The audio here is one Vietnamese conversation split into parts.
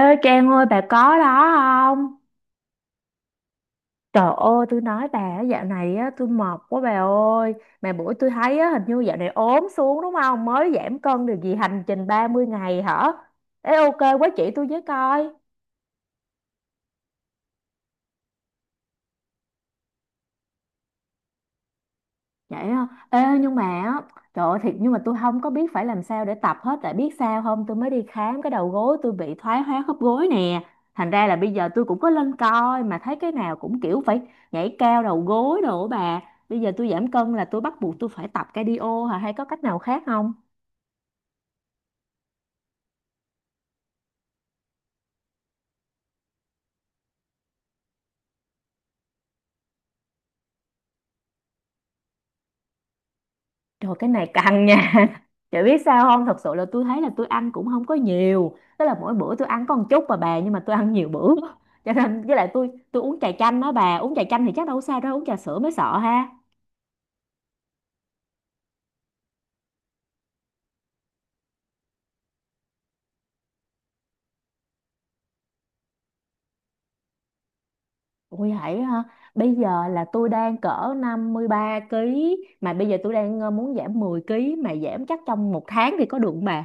Ê Trang ơi bà có đó không? Trời ơi tôi nói bà á, dạo này á tôi mệt quá bà ơi. Mà bữa tôi thấy á hình như dạo này ốm xuống đúng không? Mới giảm cân được gì hành trình 30 ngày hả? Ê ok quá chỉ tôi với coi. Vậy á. Ê, nhưng mà á, trời ơi thiệt nhưng mà tôi không có biết phải làm sao để tập hết tại biết sao không tôi mới đi khám cái đầu gối tôi bị thoái hóa khớp gối nè, thành ra là bây giờ tôi cũng có lên coi mà thấy cái nào cũng kiểu phải nhảy cao đầu gối đồ á bà. Bây giờ tôi giảm cân là tôi bắt buộc tôi phải tập cardio hả hay có cách nào khác không? Trời cái này căng nha Chị biết sao không? Thật sự là tôi thấy là tôi ăn cũng không có nhiều. Tức là mỗi bữa tôi ăn có một chút mà bà. Nhưng mà tôi ăn nhiều bữa Cho nên với lại tôi uống trà chanh đó bà. Uống trà chanh thì chắc đâu có sao đâu. Uống trà sữa mới sợ ha. Ui hãy ha. Bây giờ là tôi đang cỡ 53 ký. Mà bây giờ tôi đang muốn giảm 10 ký. Mà giảm chắc trong một tháng thì có được không bà?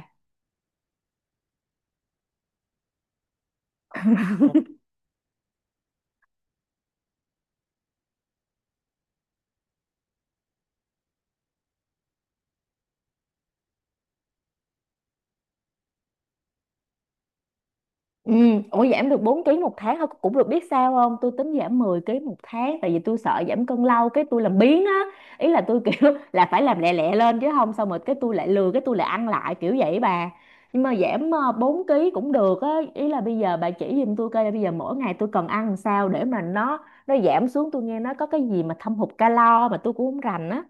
Ừ, ủa giảm được 4 ký một tháng thôi cũng được, biết sao không tôi tính giảm 10 ký một tháng tại vì tôi sợ giảm cân lâu cái tôi làm biếng á. Ý là tôi kiểu là phải làm lẹ lẹ lên chứ không xong rồi cái tôi lại lừa cái tôi lại ăn lại kiểu vậy bà. Nhưng mà giảm 4 kg cũng được á. Ý là bây giờ bà chỉ giùm tôi coi là bây giờ mỗi ngày tôi cần ăn làm sao để mà nó giảm xuống, tôi nghe nó có cái gì mà thâm hụt calo mà tôi cũng không rành á.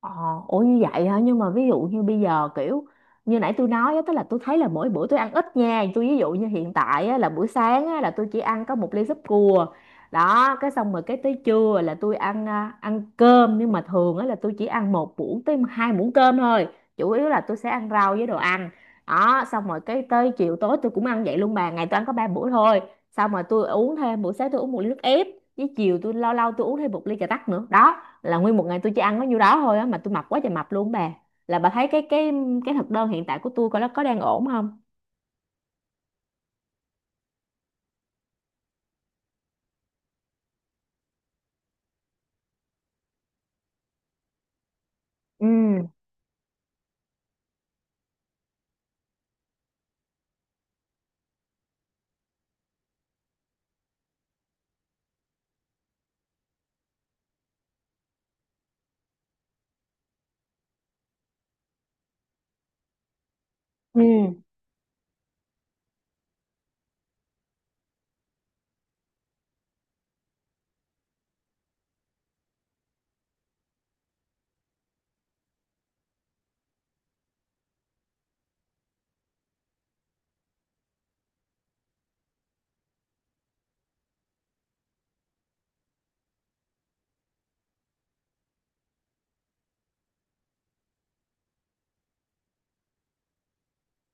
Ờ, ủa như vậy hả? Nhưng mà ví dụ như bây giờ kiểu như nãy tôi nói á, tức là tôi thấy là mỗi bữa tôi ăn ít nha. Tôi ví dụ như hiện tại á, là buổi sáng á, là tôi chỉ ăn có một ly súp cua. Đó, cái xong rồi cái tới trưa là tôi ăn ăn cơm nhưng mà thường á là tôi chỉ ăn 1 muỗng tới 2 muỗng cơm thôi. Chủ yếu là tôi sẽ ăn rau với đồ ăn. Đó, xong rồi cái tới chiều tối tôi cũng ăn vậy luôn bà, ngày tôi ăn có 3 bữa thôi. Xong rồi tôi uống thêm, buổi sáng tôi uống một ly nước ép, với chiều tôi lâu lâu tôi uống thêm một ly trà tắc nữa. Đó là nguyên một ngày tôi chỉ ăn có nhiêu đó thôi á mà tôi mập quá trời mập luôn bà, là bà thấy cái cái thực đơn hiện tại của tôi coi nó có đang ổn không. Ừ. Ừ.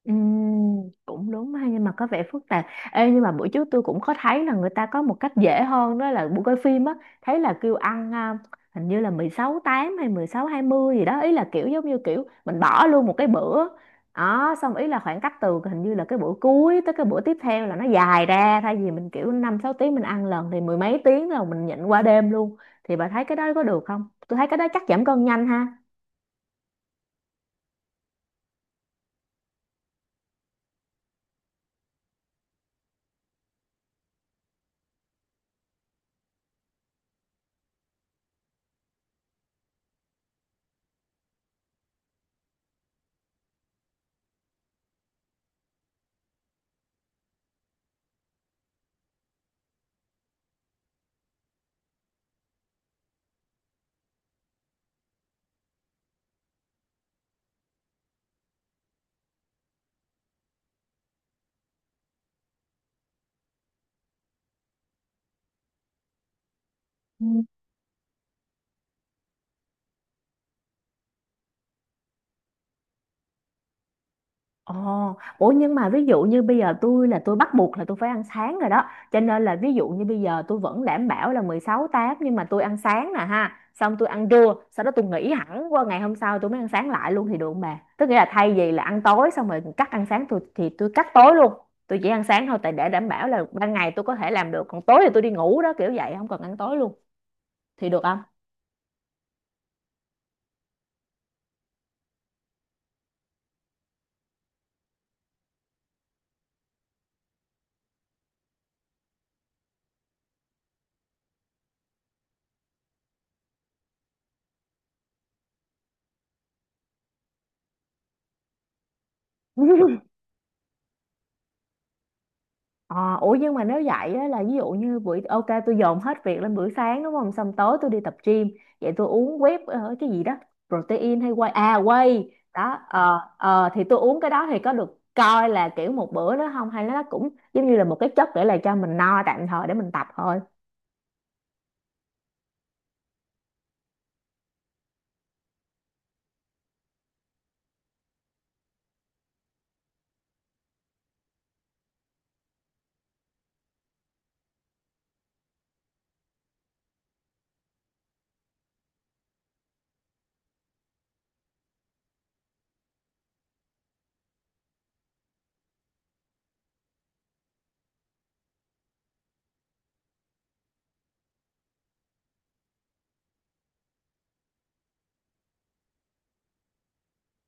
Ừm, cũng đúng ha nhưng mà có vẻ phức tạp. Ê, nhưng mà bữa trước tôi cũng có thấy là người ta có một cách dễ hơn đó là buổi coi phim á, thấy là kêu ăn hình như là 16:8 hay 16:20 gì đó, ý là kiểu giống như kiểu mình bỏ luôn một cái bữa đó, xong ý là khoảng cách từ hình như là cái bữa cuối tới cái bữa tiếp theo là nó dài ra, thay vì mình kiểu 5 6 tiếng mình ăn lần thì mười mấy tiếng rồi mình nhịn qua đêm luôn. Thì bà thấy cái đó có được không, tôi thấy cái đó chắc giảm cân nhanh ha. Ồ, ủa nhưng mà ví dụ như bây giờ tôi là tôi bắt buộc là tôi phải ăn sáng rồi đó. Cho nên là ví dụ như bây giờ tôi vẫn đảm bảo là 16:8 nhưng mà tôi ăn sáng nè ha. Xong tôi ăn trưa, sau đó tôi nghỉ hẳn qua ngày hôm sau tôi mới ăn sáng lại luôn thì được không bà? Tức nghĩa là thay vì là ăn tối xong rồi cắt ăn sáng, tôi thì tôi cắt tối luôn. Tôi chỉ ăn sáng thôi tại để đảm bảo là ban ngày tôi có thể làm được. Còn tối thì tôi đi ngủ đó kiểu vậy không cần ăn tối luôn. Thì được không? Ờ, ủa nhưng mà nếu vậy á, là ví dụ như buổi ok tôi dồn hết việc lên buổi sáng đúng không, xong tối tôi đi tập gym, vậy tôi uống whey cái gì đó protein hay whey whey đó, thì tôi uống cái đó thì có được coi là kiểu một bữa nữa không hay nó cũng giống như là một cái chất để là cho mình no tạm thời để mình tập thôi?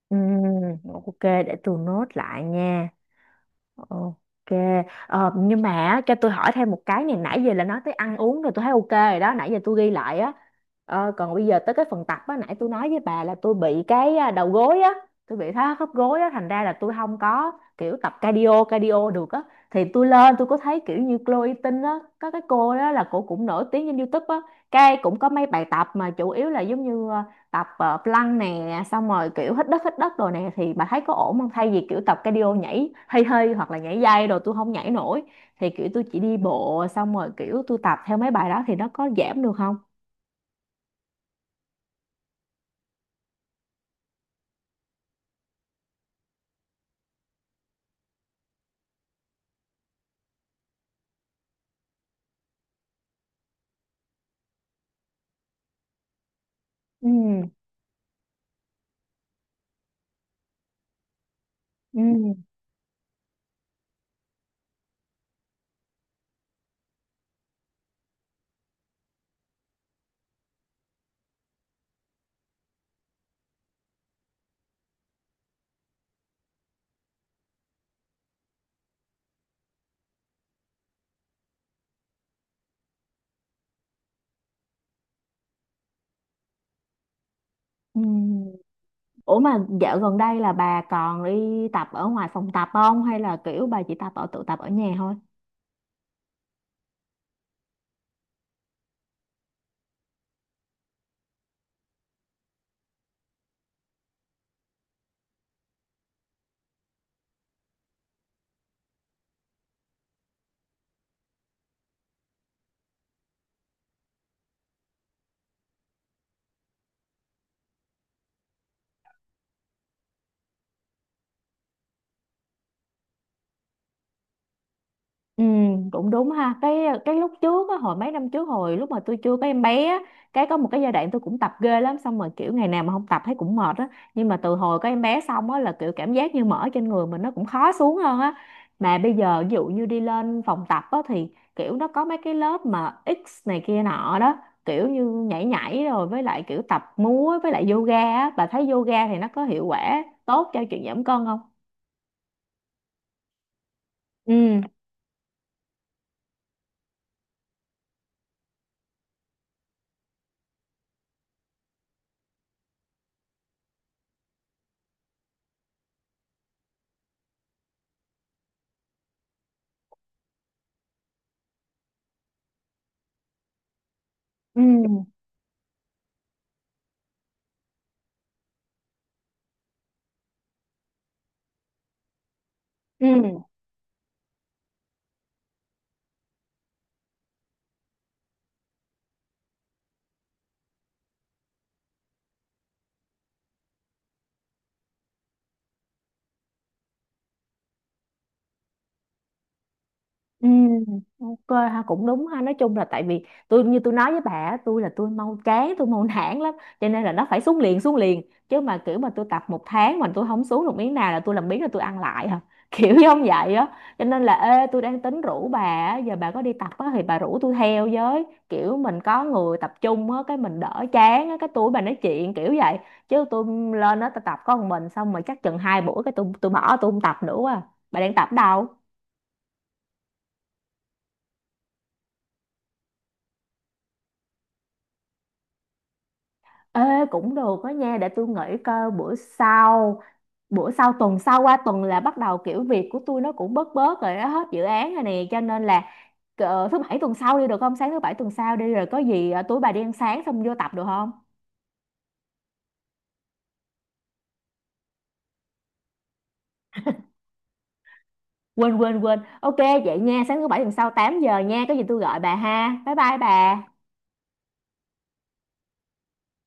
Ừm, ok để tôi nốt lại nha. Ok, nhưng mà á, cho tôi hỏi thêm một cái này, nãy giờ là nói tới ăn uống rồi tôi thấy ok rồi đó, nãy giờ tôi ghi lại á. Ờ, còn bây giờ tới cái phần tập á, nãy tôi nói với bà là tôi bị cái đầu gối á, tôi bị thoát khớp gối á, thành ra là tôi không có kiểu tập cardio cardio được á. Thì tôi lên tôi có thấy kiểu như Chloe Tinh á, có cái cô đó là cô cũng nổi tiếng trên YouTube á, cái cũng có mấy bài tập mà chủ yếu là giống như tập plank nè, xong rồi kiểu hít đất rồi nè, thì bà thấy có ổn không thay vì kiểu tập cardio nhảy hơi hơi hoặc là nhảy dây rồi tôi không nhảy nổi. Thì kiểu tôi chỉ đi bộ xong rồi kiểu tôi tập theo mấy bài đó thì nó có giảm được không? Ừ. Ừ. Ừ. Ủa mà dạo gần đây là bà còn đi tập ở ngoài phòng tập không hay là kiểu bà chỉ tập ở tự tập ở nhà thôi? Ừ, cũng đúng ha. Cái lúc trước á, hồi mấy năm trước hồi lúc mà tôi chưa có em bé á, cái có một cái giai đoạn tôi cũng tập ghê lắm, xong rồi kiểu ngày nào mà không tập thấy cũng mệt á. Nhưng mà từ hồi có em bé xong á là kiểu cảm giác như mỡ trên người mình nó cũng khó xuống hơn á. Mà bây giờ ví dụ như đi lên phòng tập á thì kiểu nó có mấy cái lớp mà X này kia nọ đó, kiểu như nhảy nhảy rồi với lại kiểu tập múa với lại yoga á, bà thấy yoga thì nó có hiệu quả tốt cho chuyện giảm cân không? Ừ, ừ, ừ. Ừ, ok ha cũng đúng ha, nói chung là tại vì tôi như tôi nói với bà á, tôi là tôi mau chán tôi mau nản lắm, cho nên là nó phải xuống liền chứ mà kiểu mà tôi tập một tháng mà tôi không xuống được miếng nào là tôi làm biếng là tôi ăn lại hả kiểu giống vậy á. Cho nên là ê tôi đang tính rủ bà á, giờ bà có đi tập á thì bà rủ tôi theo với, kiểu mình có người tập trung á cái mình đỡ chán á cái tôi với bà nói chuyện kiểu vậy, chứ tôi lên đó tôi tập có một mình xong rồi chắc chừng 2 buổi cái tôi bỏ tôi không tập nữa quá à. Bà đang tập đâu? Ê, cũng được đó nha để tôi nghĩ coi bữa sau, bữa sau tuần sau qua tuần là bắt đầu kiểu việc của tôi nó cũng bớt bớt rồi đó, hết dự án rồi nè, cho nên là thứ bảy tuần sau đi được không, sáng thứ bảy tuần sau đi rồi có gì tối bà đi ăn sáng xong vô tập được không? Quên quên quên, ok. Vậy nha sáng thứ bảy tuần sau 8 giờ nha, có gì tôi gọi bà ha, bye bye bà.